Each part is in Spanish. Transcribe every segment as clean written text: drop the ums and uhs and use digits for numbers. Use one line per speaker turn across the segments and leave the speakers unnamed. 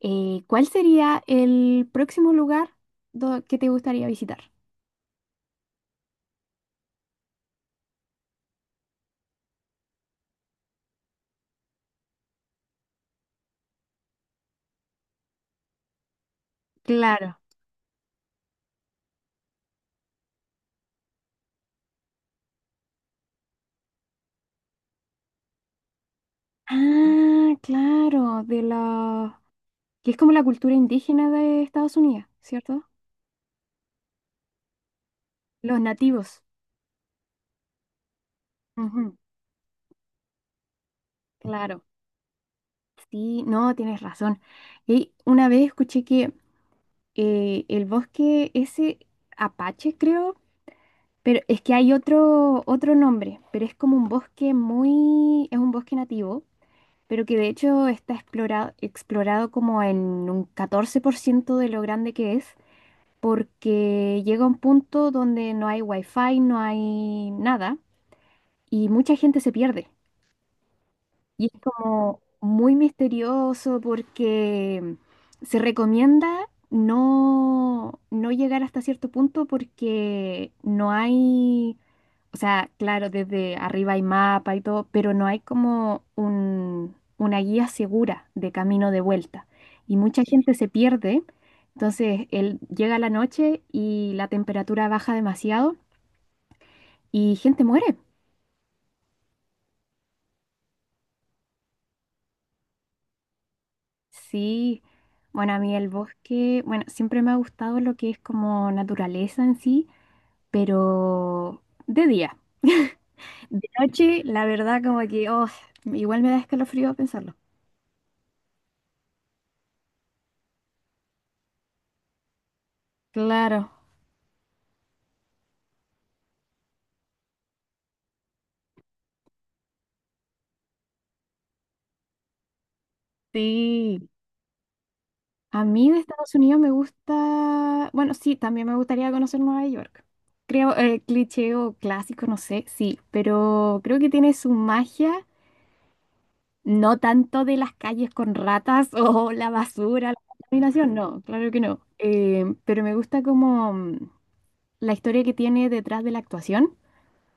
¿Cuál sería el próximo lugar que te gustaría visitar? Claro. Ah, claro, que es como la cultura indígena de Estados Unidos, ¿cierto? Los nativos. Ujú, claro. Sí, no, tienes razón. Y una vez escuché que el bosque ese Apache, creo, pero es que hay otro nombre, pero es como un bosque. Es un bosque nativo, pero que de hecho está explorado como en un 14% de lo grande que es, porque llega un punto donde no hay wifi, no hay nada, y mucha gente se pierde. Y es como muy misterioso porque se recomienda no llegar hasta cierto punto porque no hay, o sea, claro, desde arriba hay mapa y todo, pero no hay como una guía segura de camino de vuelta. Y mucha gente se pierde. Entonces, él llega la noche y la temperatura baja demasiado y gente muere. Sí, bueno, a mí el bosque, bueno, siempre me ha gustado lo que es como naturaleza en sí, pero de día. De noche, la verdad, como que, oh, igual me da escalofrío pensarlo. Claro, sí. A mí de Estados Unidos me gusta, bueno, sí, también me gustaría conocer Nueva York. Creo, cliché o clásico, no sé, sí, pero creo que tiene su magia. No tanto de las calles con ratas o la basura, la contaminación, no, claro que no. Pero me gusta como la historia que tiene detrás de la actuación.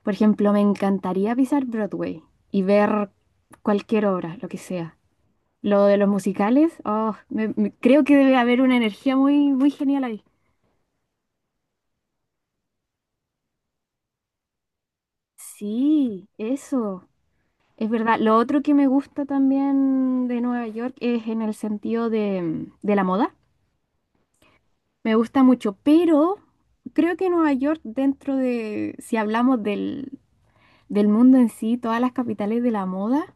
Por ejemplo, me encantaría pisar Broadway y ver cualquier obra, lo que sea. Lo de los musicales, oh, creo que debe haber una energía muy, muy genial ahí. Sí, eso, es verdad. Lo otro que me gusta también de Nueva York es en el sentido de, de la moda. Me gusta mucho, pero creo que Nueva York, dentro de, si hablamos del mundo en sí, todas las capitales de la moda,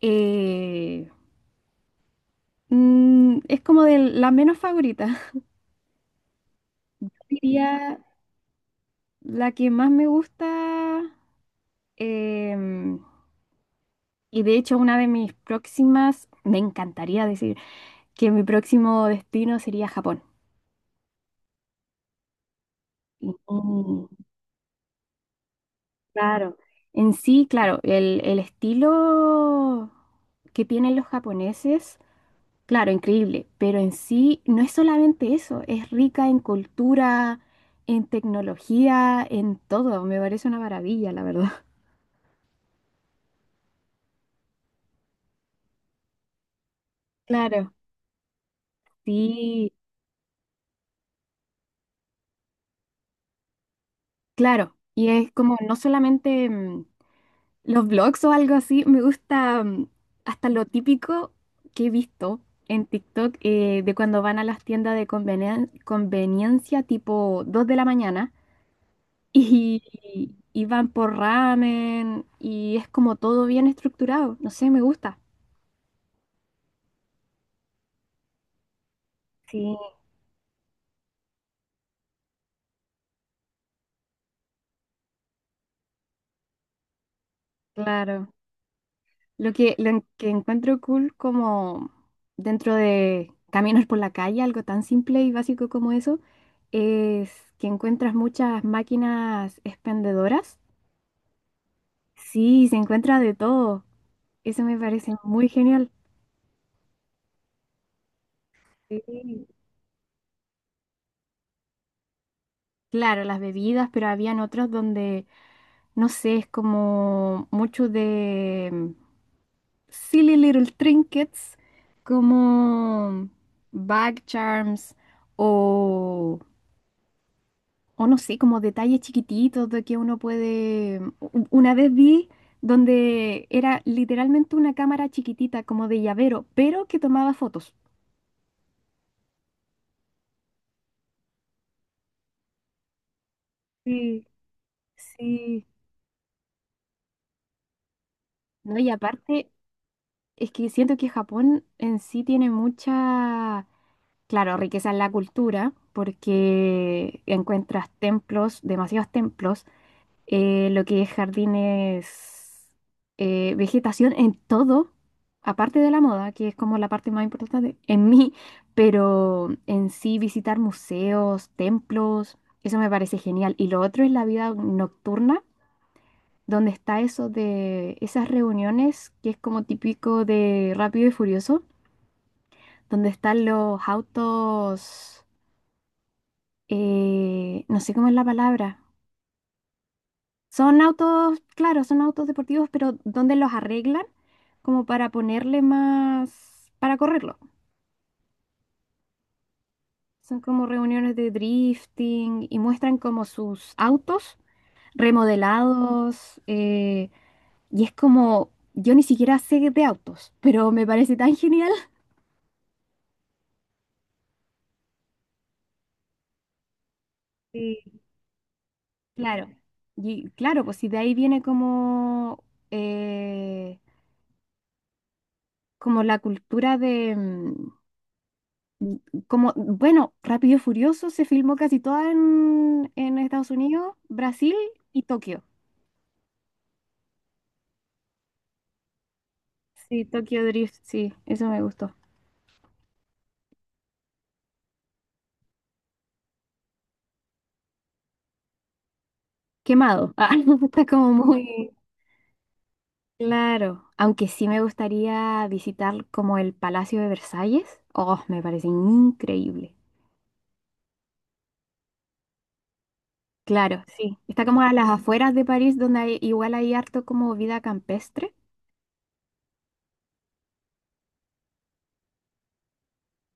eh, es como de la menos favorita. Diría la que más me gusta, em, y de hecho una de mis próximas, me encantaría decir que mi próximo destino sería Japón. Mm, claro, en sí, claro, el estilo que tienen los japoneses. Claro, increíble, pero en sí no es solamente eso, es rica en cultura, en tecnología, en todo. Me parece una maravilla, la verdad. Claro, sí, claro. Y es como no solamente los blogs o algo así, me gusta hasta lo típico que he visto en TikTok, de cuando van a las tiendas de conveniencia tipo 2 de la mañana, y van por ramen y es como todo bien estructurado. No sé, me gusta. Sí, claro. Lo que, que encuentro cool como dentro de caminos por la calle, algo tan simple y básico como eso, es que encuentras muchas máquinas expendedoras. Sí, se encuentra de todo. Eso me parece muy genial. Sí. Claro, las bebidas, pero habían otros donde, no sé, es como mucho de silly little trinkets como bag charms o, o no sé, como detalles chiquititos de que uno puede. Una vez vi donde era literalmente una cámara chiquitita como de llavero, pero que tomaba fotos. Sí, sí. No, y aparte, es que siento que Japón en sí tiene mucha, claro, riqueza en la cultura, porque encuentras templos, demasiados templos, lo que es jardines, vegetación en todo, aparte de la moda, que es como la parte más importante en mí, pero en sí visitar museos, templos, eso me parece genial. Y lo otro es la vida nocturna, donde está eso de esas reuniones que es como típico de Rápido y Furioso, donde están los autos, no sé cómo es la palabra. Son autos, claro, son autos deportivos, pero donde los arreglan como para ponerle más, para correrlo. Son como reuniones de drifting y muestran como sus autos remodelados. Y es como, yo ni siquiera sé de autos, pero me parece tan genial. Sí. Claro, y claro, pues si de ahí viene como, eh, como la cultura de, como, bueno, Rápido y Furioso se filmó casi toda en Estados Unidos, Brasil y Tokio. Sí, Tokio Drift, sí, eso me gustó. Quemado. Ah, está como muy claro. Aunque sí me gustaría visitar como el Palacio de Versalles. Oh, me parece increíble. Claro, sí. Está como a las afueras de París, donde igual hay harto como vida campestre.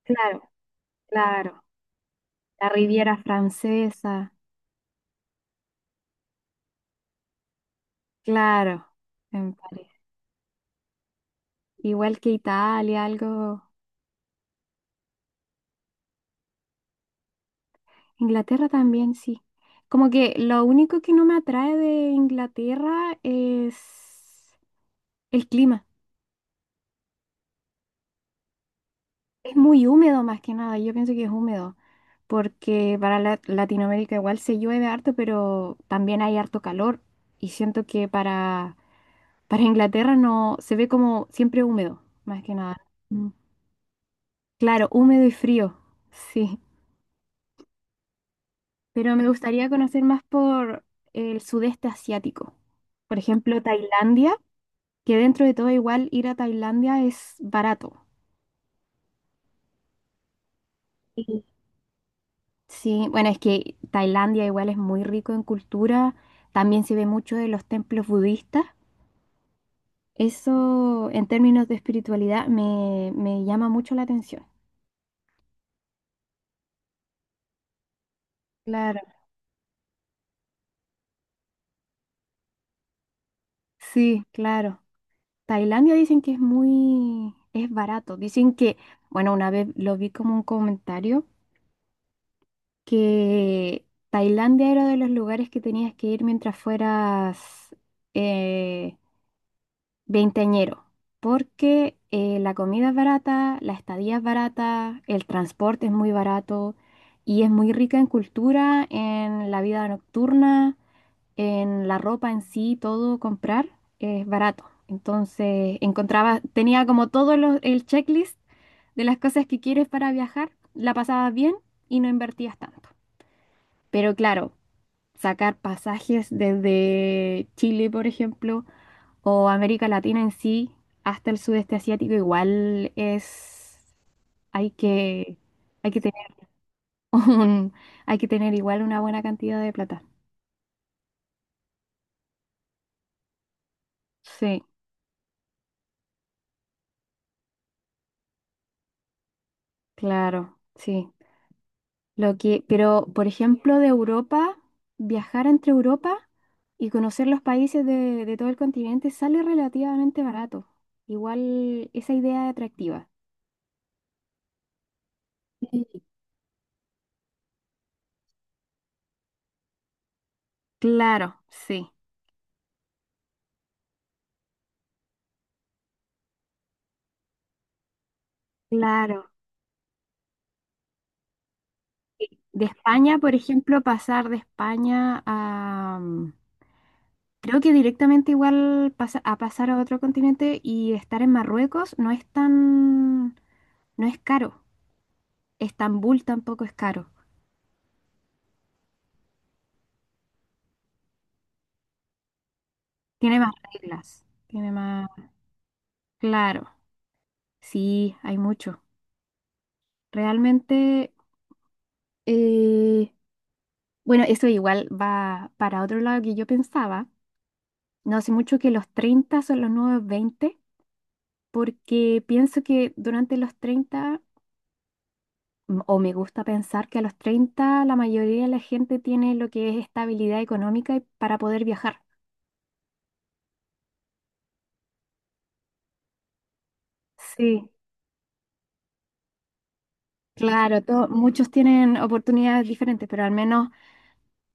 Claro, claro. La Riviera Francesa. Claro, en París. Igual que Italia, algo. Inglaterra también, sí. Como que lo único que no me atrae de Inglaterra es el clima. Es muy húmedo más que nada. Yo pienso que es húmedo. Porque para Latinoamérica igual se llueve harto, pero también hay harto calor. Y siento que para Inglaterra no se ve como siempre húmedo, más que nada. Mm. Claro, húmedo y frío. Sí. Pero me gustaría conocer más por el sudeste asiático. Por ejemplo, Tailandia, que dentro de todo igual ir a Tailandia es barato. Y- Sí, bueno, es que Tailandia igual es muy rico en cultura, también se ve mucho de los templos budistas. Eso en términos de espiritualidad me llama mucho la atención. Claro, sí, claro. Tailandia dicen que es muy, es barato. Dicen que, bueno, una vez lo vi como un comentario que Tailandia era de los lugares que tenías que ir mientras fueras eh, veinteañero, porque la comida es barata, la estadía es barata, el transporte es muy barato y es muy rica en cultura, en la vida nocturna, en la ropa en sí, todo comprar es barato. Entonces encontraba, tenía como todo el checklist de las cosas que quieres para viajar, la pasabas bien y no invertías tanto. Pero claro, sacar pasajes desde Chile, por ejemplo, o América Latina en sí, hasta el sudeste asiático, igual es, hay que, hay que tener un, hay que tener igual una buena cantidad de plata. Sí, claro, sí. Lo que, pero, por ejemplo, de Europa, viajar entre Europa y conocer los países de todo el continente sale relativamente barato. Igual esa idea es atractiva. Sí. Claro, sí, claro. De España, por ejemplo, pasar de España. Creo que directamente igual a pasar a otro continente y estar en Marruecos no es tan, no es caro. Estambul tampoco es caro. Tiene más reglas. Tiene más. Claro, sí, hay mucho. Realmente, eh, bueno, eso igual va para otro lado que yo pensaba. No hace mucho que los 30 son los nuevos 20 porque pienso que durante los treinta, o me gusta pensar que a los 30 la mayoría de la gente tiene lo que es estabilidad económica para poder viajar. Sí, claro, muchos tienen oportunidades diferentes, pero al menos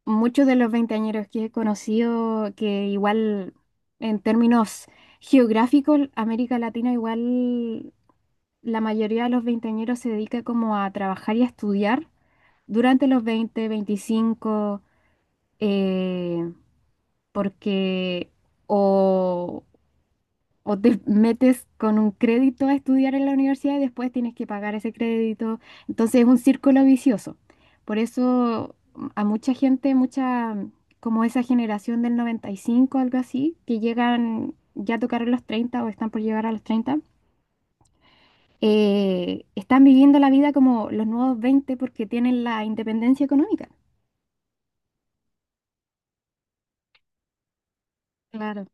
muchos de los veinteañeros que he conocido, que igual en términos geográficos, América Latina igual la mayoría de los veinteañeros se dedica como a trabajar y a estudiar durante los 20 veinticinco, eh, porque o O te metes con un crédito a estudiar en la universidad y después tienes que pagar ese crédito. Entonces es un círculo vicioso. Por eso a mucha gente, mucha, como esa generación del 95, algo así, que llegan, ya tocaron los 30 o están por llegar a los treinta, están viviendo la vida como los nuevos 20 porque tienen la independencia económica. Claro,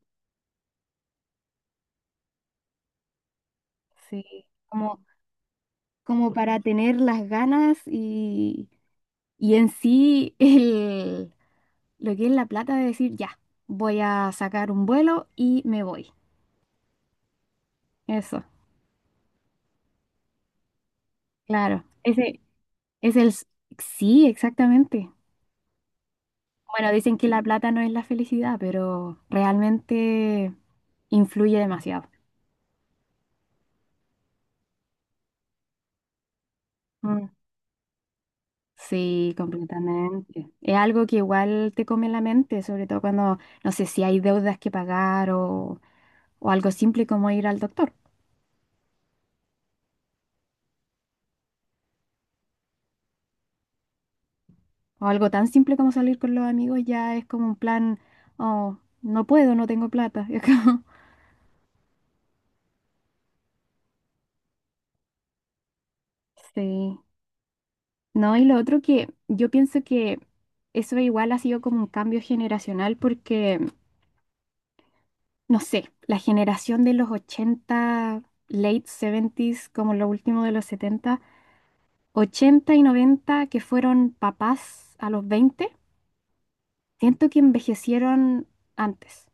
sí. Como para tener las ganas, y en sí el lo que es la plata de decir, ya, voy a sacar un vuelo y me voy. Eso, claro. Ese es el. Sí, exactamente. Bueno, dicen que la plata no es la felicidad, pero realmente influye demasiado. Mm. Sí, completamente. Es algo que igual te come la mente, sobre todo cuando, no sé, si hay deudas que pagar o algo simple como ir al doctor. O algo tan simple como salir con los amigos ya es como un plan, oh, no puedo, no tengo plata. Es como. Sí, no, y lo otro que yo pienso que eso igual ha sido como un cambio generacional porque, no sé, la generación de los ochenta, late seventies, como lo último de los setenta, 80 y noventa, que fueron papás a los veinte, siento que envejecieron antes.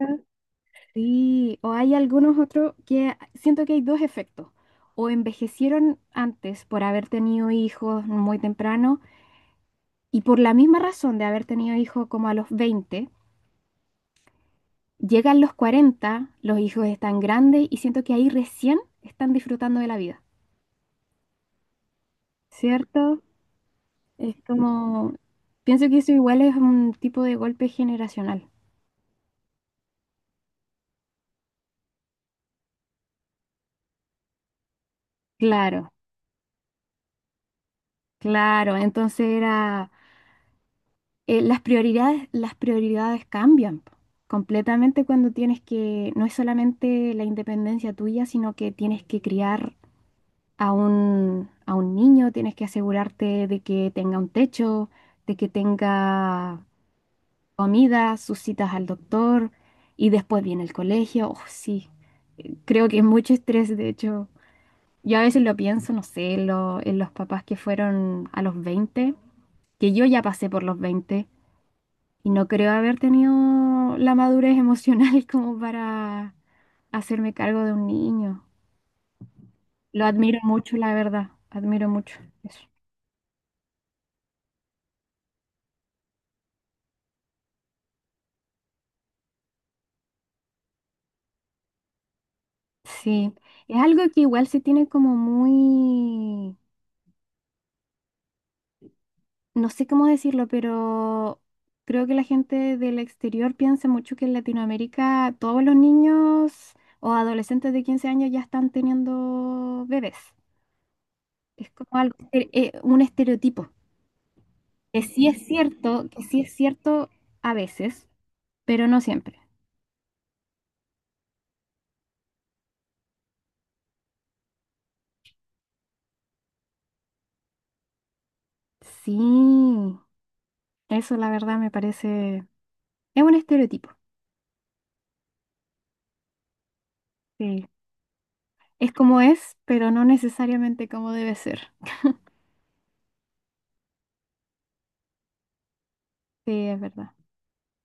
Ah, sí, o hay algunos otros que siento que hay dos efectos. O envejecieron antes por haber tenido hijos muy temprano, y por la misma razón de haber tenido hijos como a los 20, llegan los 40, los hijos están grandes y siento que ahí recién están disfrutando de la vida, ¿cierto? Es como, pienso que eso igual es un tipo de golpe generacional. Claro, claro. Entonces era, las prioridades cambian po, completamente cuando tienes que, no es solamente la independencia tuya, sino que tienes que criar a un niño, tienes que asegurarte de que tenga un techo, de que tenga comida, sus citas al doctor y después viene el colegio. Oh, sí, creo que es mucho estrés, de hecho. Yo a veces lo pienso, no sé, en los papás que fueron a los veinte, que yo ya pasé por los 20 y no creo haber tenido la madurez emocional como para hacerme cargo de un niño. Lo admiro mucho, la verdad, admiro mucho. Sí, es algo que igual se tiene como muy, no sé cómo decirlo, pero creo que la gente del exterior piensa mucho que en Latinoamérica todos los niños o adolescentes de 15 años ya están teniendo bebés. Es como algo, un estereotipo, que sí es cierto, que sí es cierto a veces, pero no siempre. Sí, eso la verdad me parece, es un estereotipo. Sí. Es como es, pero no necesariamente como debe ser. Sí, es verdad.